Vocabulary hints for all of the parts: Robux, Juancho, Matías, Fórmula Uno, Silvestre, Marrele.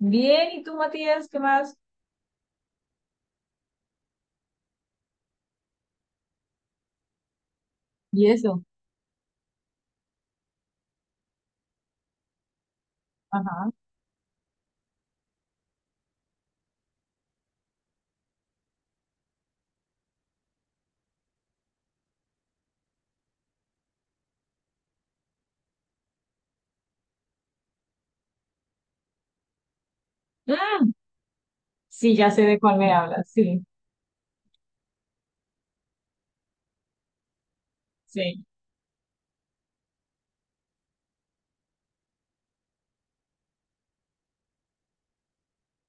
Bien, ¿y tú, Matías? ¿Qué más? Y eso, ajá. Ah, sí, ya sé de cuál me hablas. Sí, sí.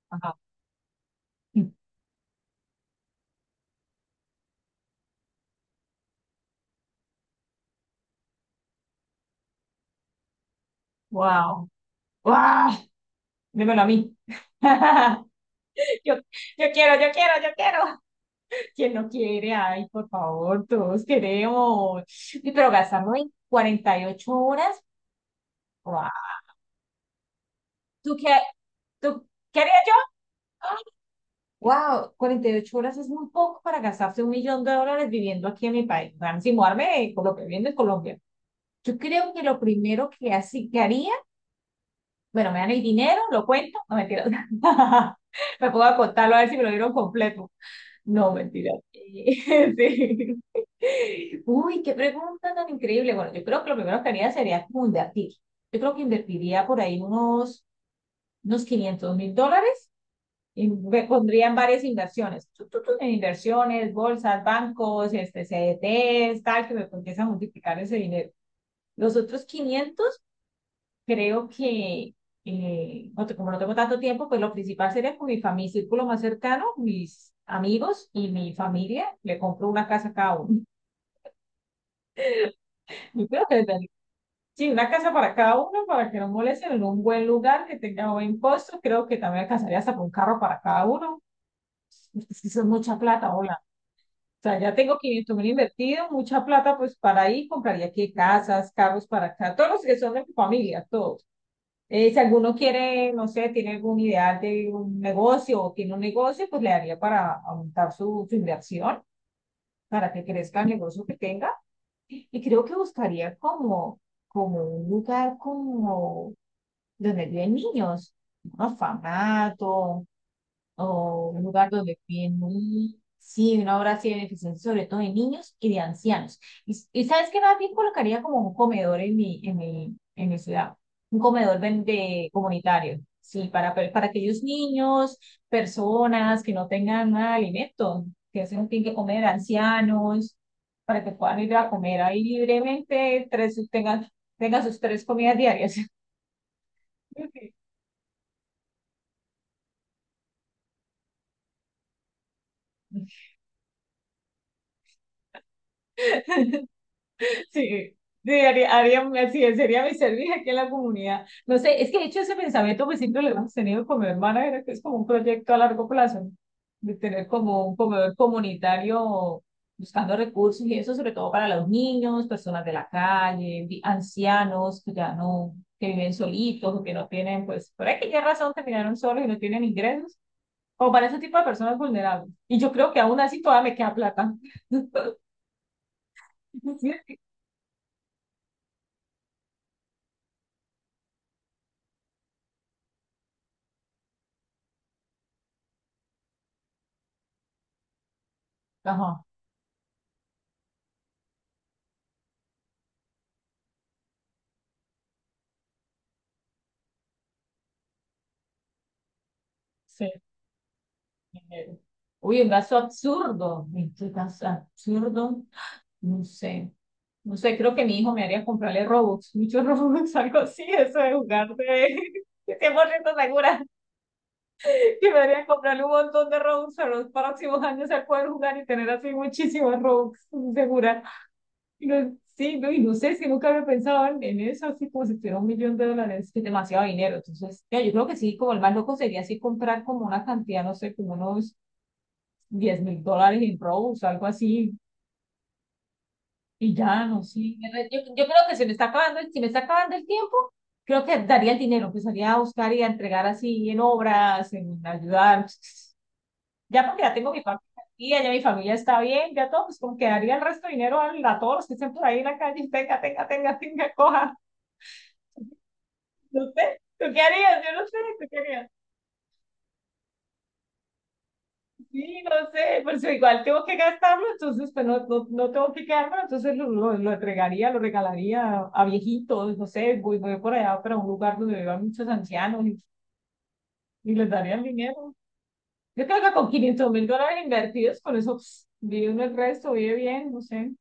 Ajá. Wow. ¡Wow! Dímelo a mí. Yo, yo quiero. ¿Quién no quiere? Ay, por favor, todos queremos. Y pero gastarlo en 48 horas. ¡Wow! ¿Tú qué, tú, qué haría yo? ¡Wow! 48 horas es muy poco para gastarse $1 millón viviendo aquí en mi país. O sea, si mudarme, Colombia, viviendo en Colombia. Yo creo que lo primero que así que haría, bueno, me dan el dinero, lo cuento, no mentiras. Me pongo a contarlo a ver si me lo dieron completo. No, mentiras. Sí. Uy, qué pregunta tan increíble. Bueno, yo creo que lo primero que haría sería como invertir. Yo creo que invertiría por ahí unos $500.000 y me pondría en varias inversiones. En inversiones, bolsas, bancos, este, CDTs, tal, que me empiece a multiplicar ese dinero. Los otros quinientos. Creo que, como no tengo tanto tiempo, pues lo principal sería con mi familia, círculo más cercano, mis amigos y mi familia. Le compro una casa a cada uno. Yo creo que sí, una casa para cada uno, para que no molesten en un buen lugar, que tenga buen costo. Creo que también alcanzaría hasta por un carro para cada uno. Es que eso es mucha plata, hola. O sea, ya tengo 500.000 invertido, mucha plata, pues para ahí compraría aquí casas, carros para acá, todos los que son de mi familia, todos. Si alguno quiere, no sé, tiene alguna idea de un negocio o tiene un negocio, pues le daría para aumentar su inversión, para que crezca el negocio que tenga. Y creo que buscaría como un lugar como donde viven niños, un orfanato, o un lugar donde piden un, sí, una obra así beneficente, sobre todo de niños y de ancianos. Y sabes que más bien colocaría como un comedor en mi ciudad, un comedor comunitario, sí, para aquellos niños, personas que no tengan nada de alimento, que se no tienen que comer, ancianos, para que puedan ir a comer ahí libremente, tengan sus tres comidas diarias. Sí, sí, haría así es, sería mi servicio aquí en la comunidad. No sé, es que de hecho ese pensamiento pues siempre lo hemos tenido con mi hermana, era que es como un proyecto a largo plazo, ¿no? De tener como un comedor comunitario buscando recursos y eso sobre todo para los niños, personas de la calle, ancianos que ya no, que viven solitos o que no tienen, pues, por aquella razón terminaron solos y no tienen ingresos, o para ese tipo de personas vulnerables. Y yo creo que aún así todavía me queda plata. ¿Sí? Ajá, sí. Uy, un gasto absurdo. Este gasto absurdo. No sé. No sé, creo que mi hijo me haría comprarle Robux, muchos Robux, algo así, eso de jugar de 100% segura, que me haría comprarle un montón de Robux a los próximos años al poder jugar y tener así muchísimos Robux, segura. Sí, no, y no sé, si nunca había pensado en eso, así como si tuviera $1 millón, que es demasiado dinero. Entonces, ya, yo creo que sí, como el más loco sería así comprar como una cantidad, no sé, como unos $10.000 en robos, algo así, y ya, no sé. Yo creo que se me está acabando, si me está acabando el tiempo, creo que daría el dinero, empezaría a buscar y a entregar así en obras, en ayudar. Ya porque ya tengo mi parte aquí, ya mi familia está bien, ya todo, pues como que daría el resto de dinero a todos los que estén por ahí en la calle, tenga, tenga, tenga, tenga, coja. No sé, ¿tú qué harías? Yo no sé, ¿tú qué harías? Sí, no sé, pues igual tengo que gastarlo, entonces pues no, no, no tengo que quedármelo, entonces lo entregaría, lo regalaría a viejitos, no sé, voy por allá para un lugar donde vivan muchos ancianos y les daría el dinero. Yo creo que con $500.000 invertidos, con eso pss, vive uno el resto, vive bien, no sé,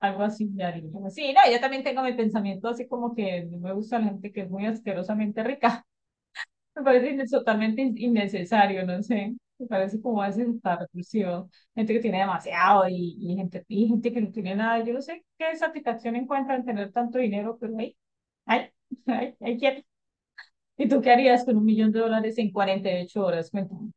algo así. Ya haría. Sí, no, yo también tengo mi pensamiento así como que no me gusta la gente que es muy asquerosamente rica. Me parece innecesario, no sé. Me parece como hace esta reclusión. Gente que tiene demasiado y, y gente que no tiene nada. Yo no sé qué satisfacción encuentra en tener tanto dinero, pero ahí, ay, ay, quieto. ¿Y tú qué harías con $1 millón en 48 horas? Cuéntame.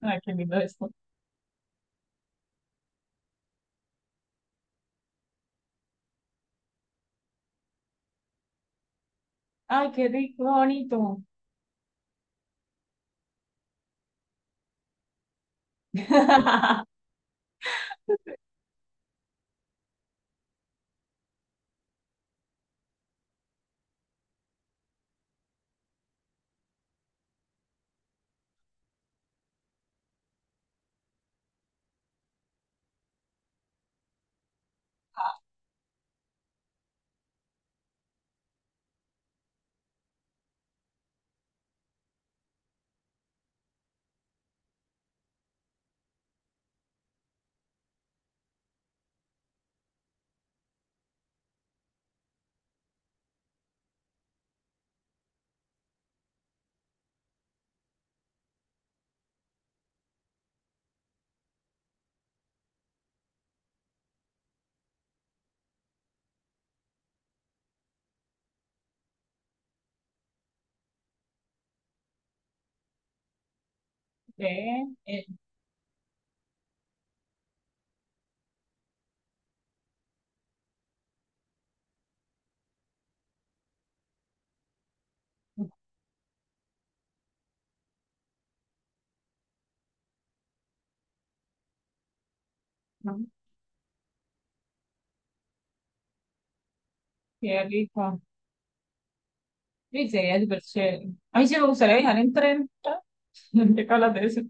Ay, qué lindo esto. Ay, qué rico, bonito. Eh, eh, no, qué rico. Sí, sería súper chévere. A mí sí me gustaría viajar en tren. ¿Qué hablas de eso?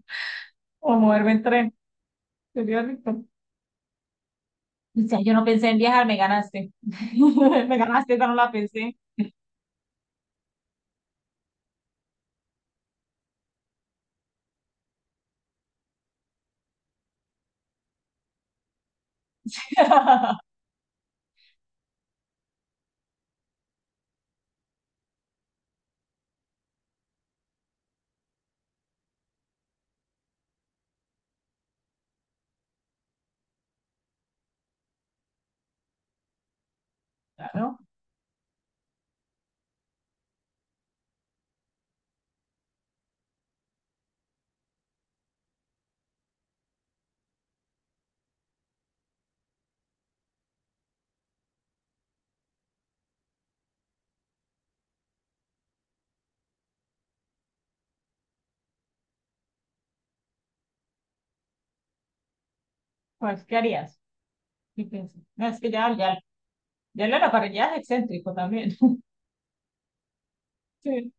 O moverme en tren. Sería rico. O sea, yo no pensé en viajar, me ganaste. Me ganaste, esa no la pensé. Claro, pues, ¿qué harías? ¿Qué piensas? No, es que ya lo era, para ya es excéntrico también. Sí.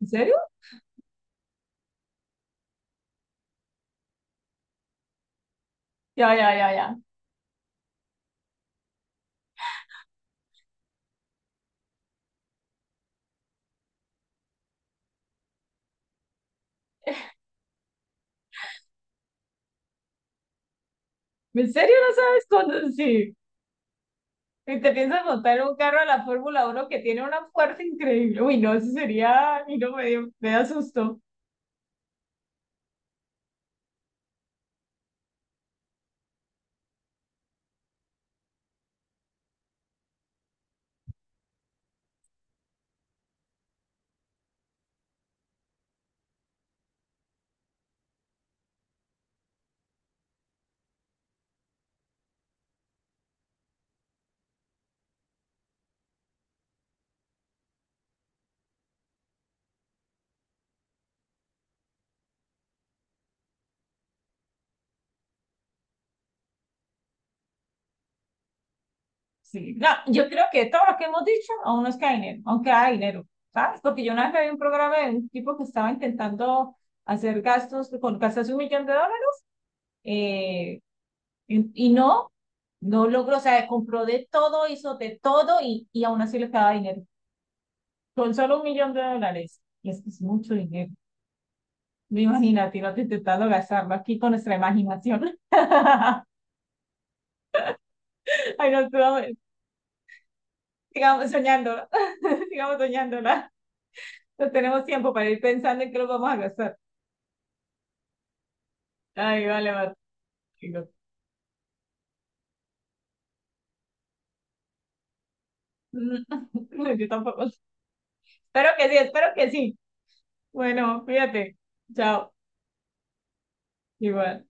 ¿En serio? Ya, ya, ya, ya. ¿En serio no sabes cuándo? Sí. Y te piensas montar en un carro de la Fórmula Uno que tiene una fuerza increíble. Uy, no, eso sería, y no me dio, me da susto. Sí, no, yo creo que todo lo que hemos dicho aún no es que hay dinero, aunque hay dinero, ¿sabes? Porque yo una vez vi un programa de un tipo que estaba intentando hacer gastos con gastarse un millón de dólares eh, y no, no logró, o sea, compró de todo, hizo de todo y aún así le quedaba dinero, con solo $1 millón. Y es que es mucho dinero. Me imagínate, no te intentando gastarlo aquí con nuestra imaginación. Ay, no, tú, sigamos soñándola, sigamos soñándola. No tenemos tiempo para ir pensando en qué lo vamos a gastar. Ay, vale, vale. Digo, yo tampoco. Espero que sí, espero que sí. Bueno, fíjate. Chao. Igual.